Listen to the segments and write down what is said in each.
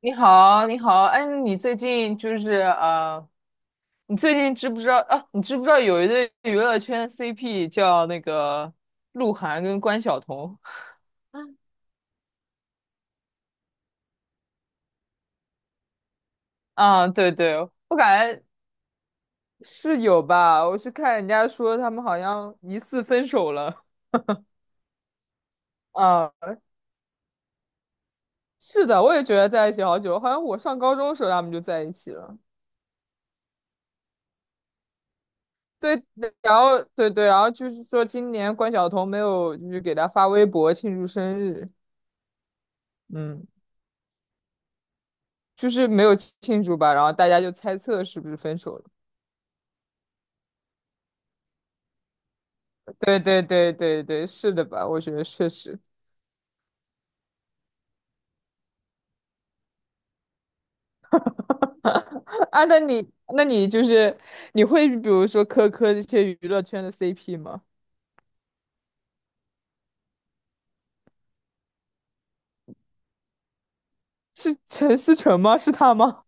你好，你好，哎，你最近你最近知不知道啊？你知不知道有一对娱乐圈 CP 叫那个鹿晗跟关晓彤？啊，对对，我感觉是有吧，我是看人家说他们好像疑似分手了。啊，是的，我也觉得在一起好久，好像我上高中的时候他们就在一起了。对，然后对对，然后就是说今年关晓彤没有就是给他发微博庆祝生日。嗯。就是没有庆祝吧，然后大家就猜测是不是分手了。对对对对对，是的吧？我觉得确实。啊，那你就是你会比如说磕这些娱乐圈的 CP 吗？是陈思诚吗？是他吗？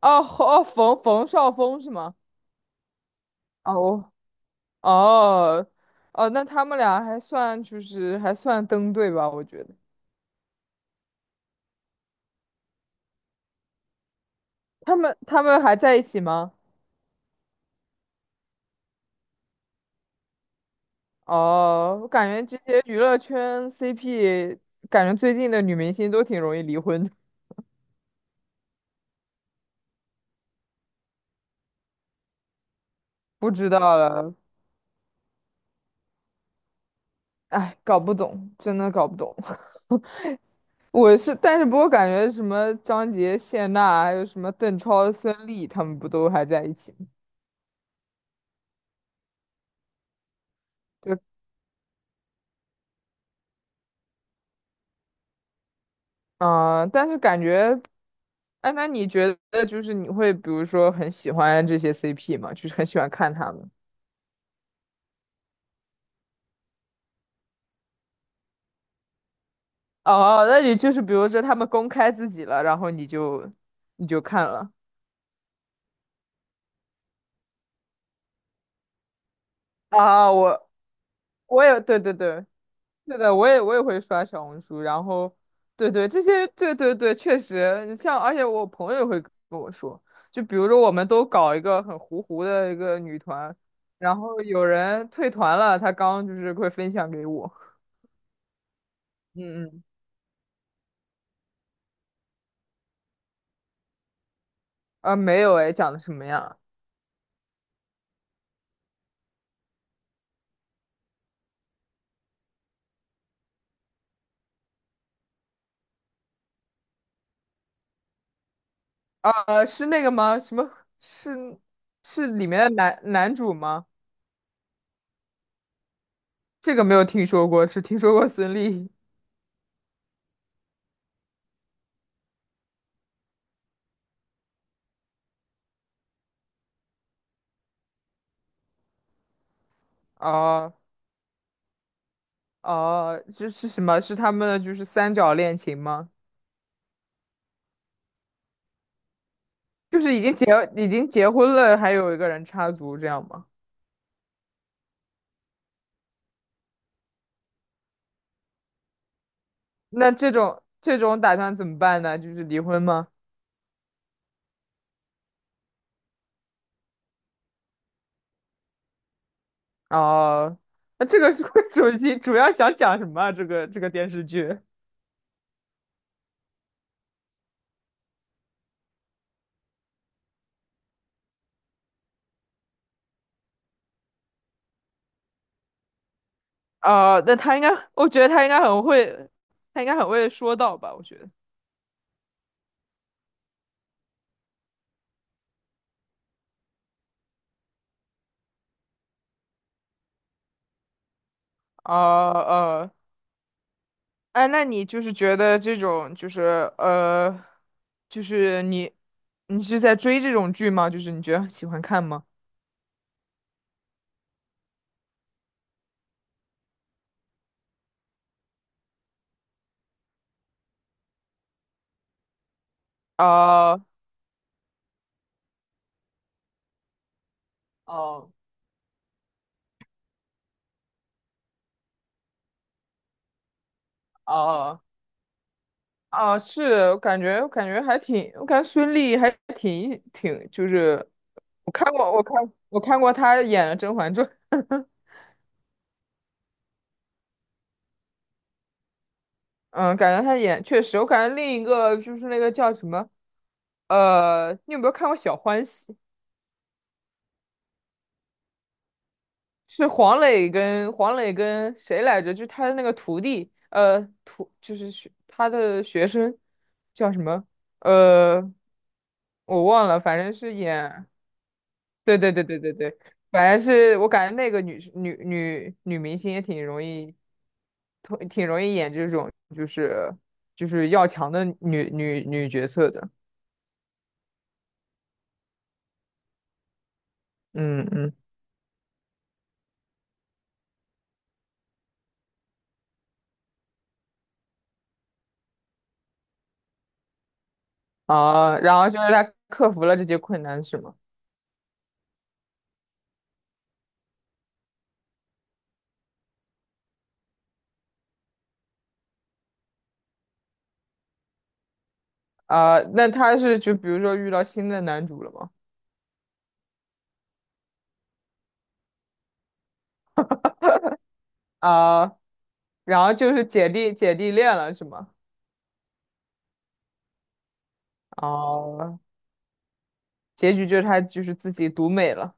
哦哦，冯绍峰是吗？哦哦哦，那他们俩还算就是还算登对吧？我觉得他们还在一起吗？哦，我感觉这些娱乐圈 CP，感觉最近的女明星都挺容易离婚的。不知道了，哎，搞不懂，真的搞不懂。我是，但是不过感觉什么张杰、谢娜，还有什么邓超、孙俪，他们不都还在一起吗？对，啊，但是感觉，哎，那你觉得就是你会比如说很喜欢这些 CP 吗？就是很喜欢看他们。哦，那你就是比如说他们公开自己了，然后你就看了。啊，我也对对对，是的，我也会刷小红书，然后对对这些对对对，确实，你像而且我朋友也会跟我说，就比如说我们都搞一个很糊糊的一个女团，然后有人退团了，他刚就是会分享给我。嗯嗯，啊没有哎，讲的什么呀？啊是那个吗？什么是是里面的男主吗？这个没有听说过，只听说过孙俪啊。哦哦，这是什么？是他们的就是三角恋情吗？就是已经结已经结婚了，还有一个人插足这样吗？那这种这种打算怎么办呢？就是离婚吗？哦，那这个是 主要想讲什么啊？这个这个电视剧？哦，那他应该，我觉得他应该很会，他应该很会说到吧？我觉得。哦哦，哎，那你就是觉得这种呃，就是你是在追这种剧吗？就是你觉得喜欢看吗？啊、哦哦啊，是，我感觉还挺，我感觉孙俪还挺，就是我看过我看我看过她演的《甄嬛传》。嗯，感觉她演确实，我感觉另一个就是那个叫什么你有没有看过《小欢喜》？是黄磊跟谁来着？就是他的那个徒弟，呃，就是学他的学生叫什么？呃，我忘了，反正是演，对对对对对对，反正是我感觉那个女明星也挺容易，挺容易演这种就是就是要强的女角色的。嗯嗯，啊，然后就是她克服了这些困难，是吗？啊、那他是就比如说遇到新的男主了吗？啊、然后就是姐弟恋了是吗？哦、结局就是他就是自己独美了。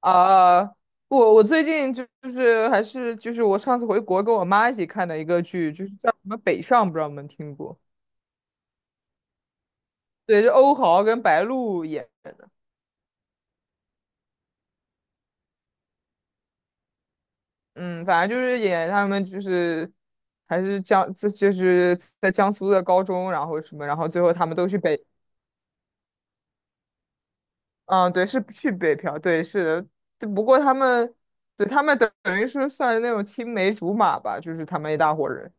啊、我最近就就是还是就是我上次回国跟我妈一起看的一个剧，就是叫什么《北上》，不知道你们听过？对，是欧豪跟白鹿演。嗯，反正就是演他们就是还是江，这就是在江苏的高中，然后什么，然后最后他们都去北。嗯，对，是去北漂，对，是的，只不过他们，对，他们等于是算那种青梅竹马吧，就是他们一大伙人。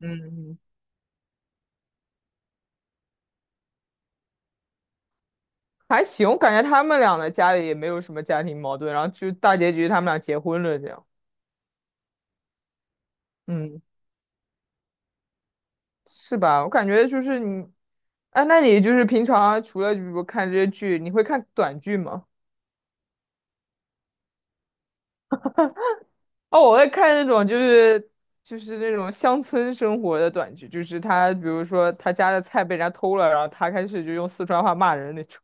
嗯，还行，我感觉他们俩的家里也没有什么家庭矛盾，然后就大结局他们俩结婚了，这样。嗯，是吧？我感觉就是你，哎，那你就是平常除了比如看这些剧，你会看短剧吗？哦，我在看那种就是就是那种乡村生活的短剧，就是他比如说他家的菜被人家偷了，然后他开始就用四川话骂人那种。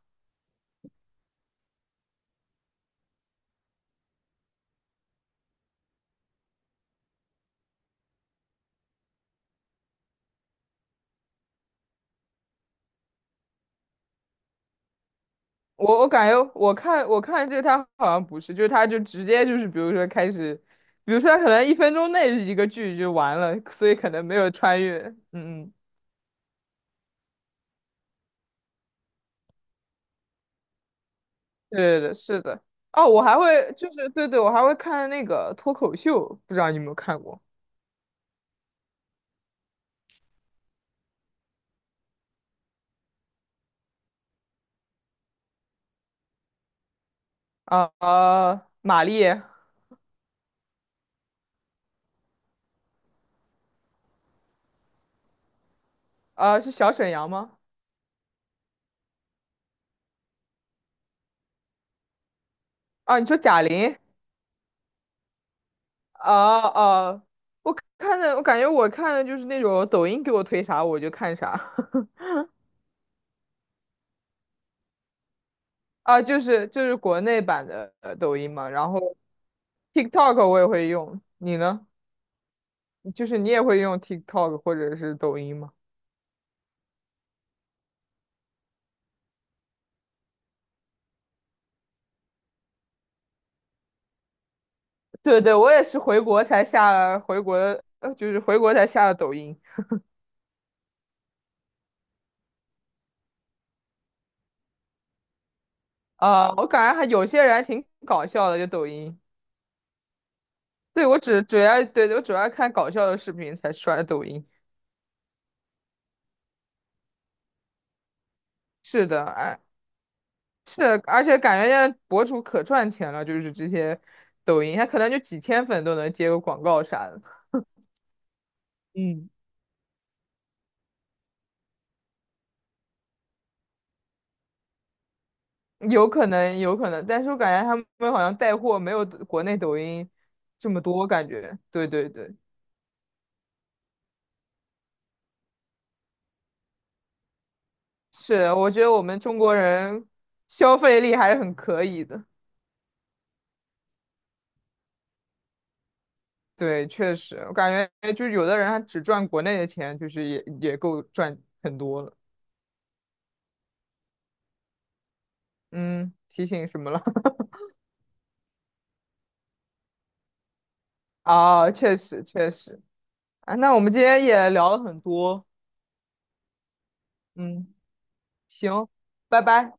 我感觉我看这个他好像不是，就是他就直接就是比如说开始，比如说他可能1分钟内一个剧就完了，所以可能没有穿越。嗯嗯，对对对，是的。哦，我还会就是对对，我还会看那个脱口秀，不知道你有没有看过啊？呃，马丽，呃，是小沈阳吗？啊，你说贾玲？哦哦，我看的，我感觉我看的就是那种抖音给我推啥我就看啥。 啊，就是就是国内版的抖音嘛，然后 TikTok 我也会用，你呢？就是你也会用 TikTok 或者是抖音吗？对对，我也是回国才下了回国的呃，就是回国才下了抖音。啊、我感觉还有些人还挺搞笑的，就抖音。对，我主要看搞笑的视频才刷抖音。是的，哎。是，而且感觉现在博主可赚钱了，就是这些抖音，他可能就几千粉都能接个广告啥的。嗯，有可能，有可能，但是我感觉他们好像带货没有国内抖音这么多，感觉，对对对。是，我觉得我们中国人消费力还是很可以的。对，确实，我感觉就是有的人他只赚国内的钱，就是也也够赚很多了。嗯，提醒什么了？啊，确实确实。啊，那我们今天也聊了很多。嗯，行，拜拜。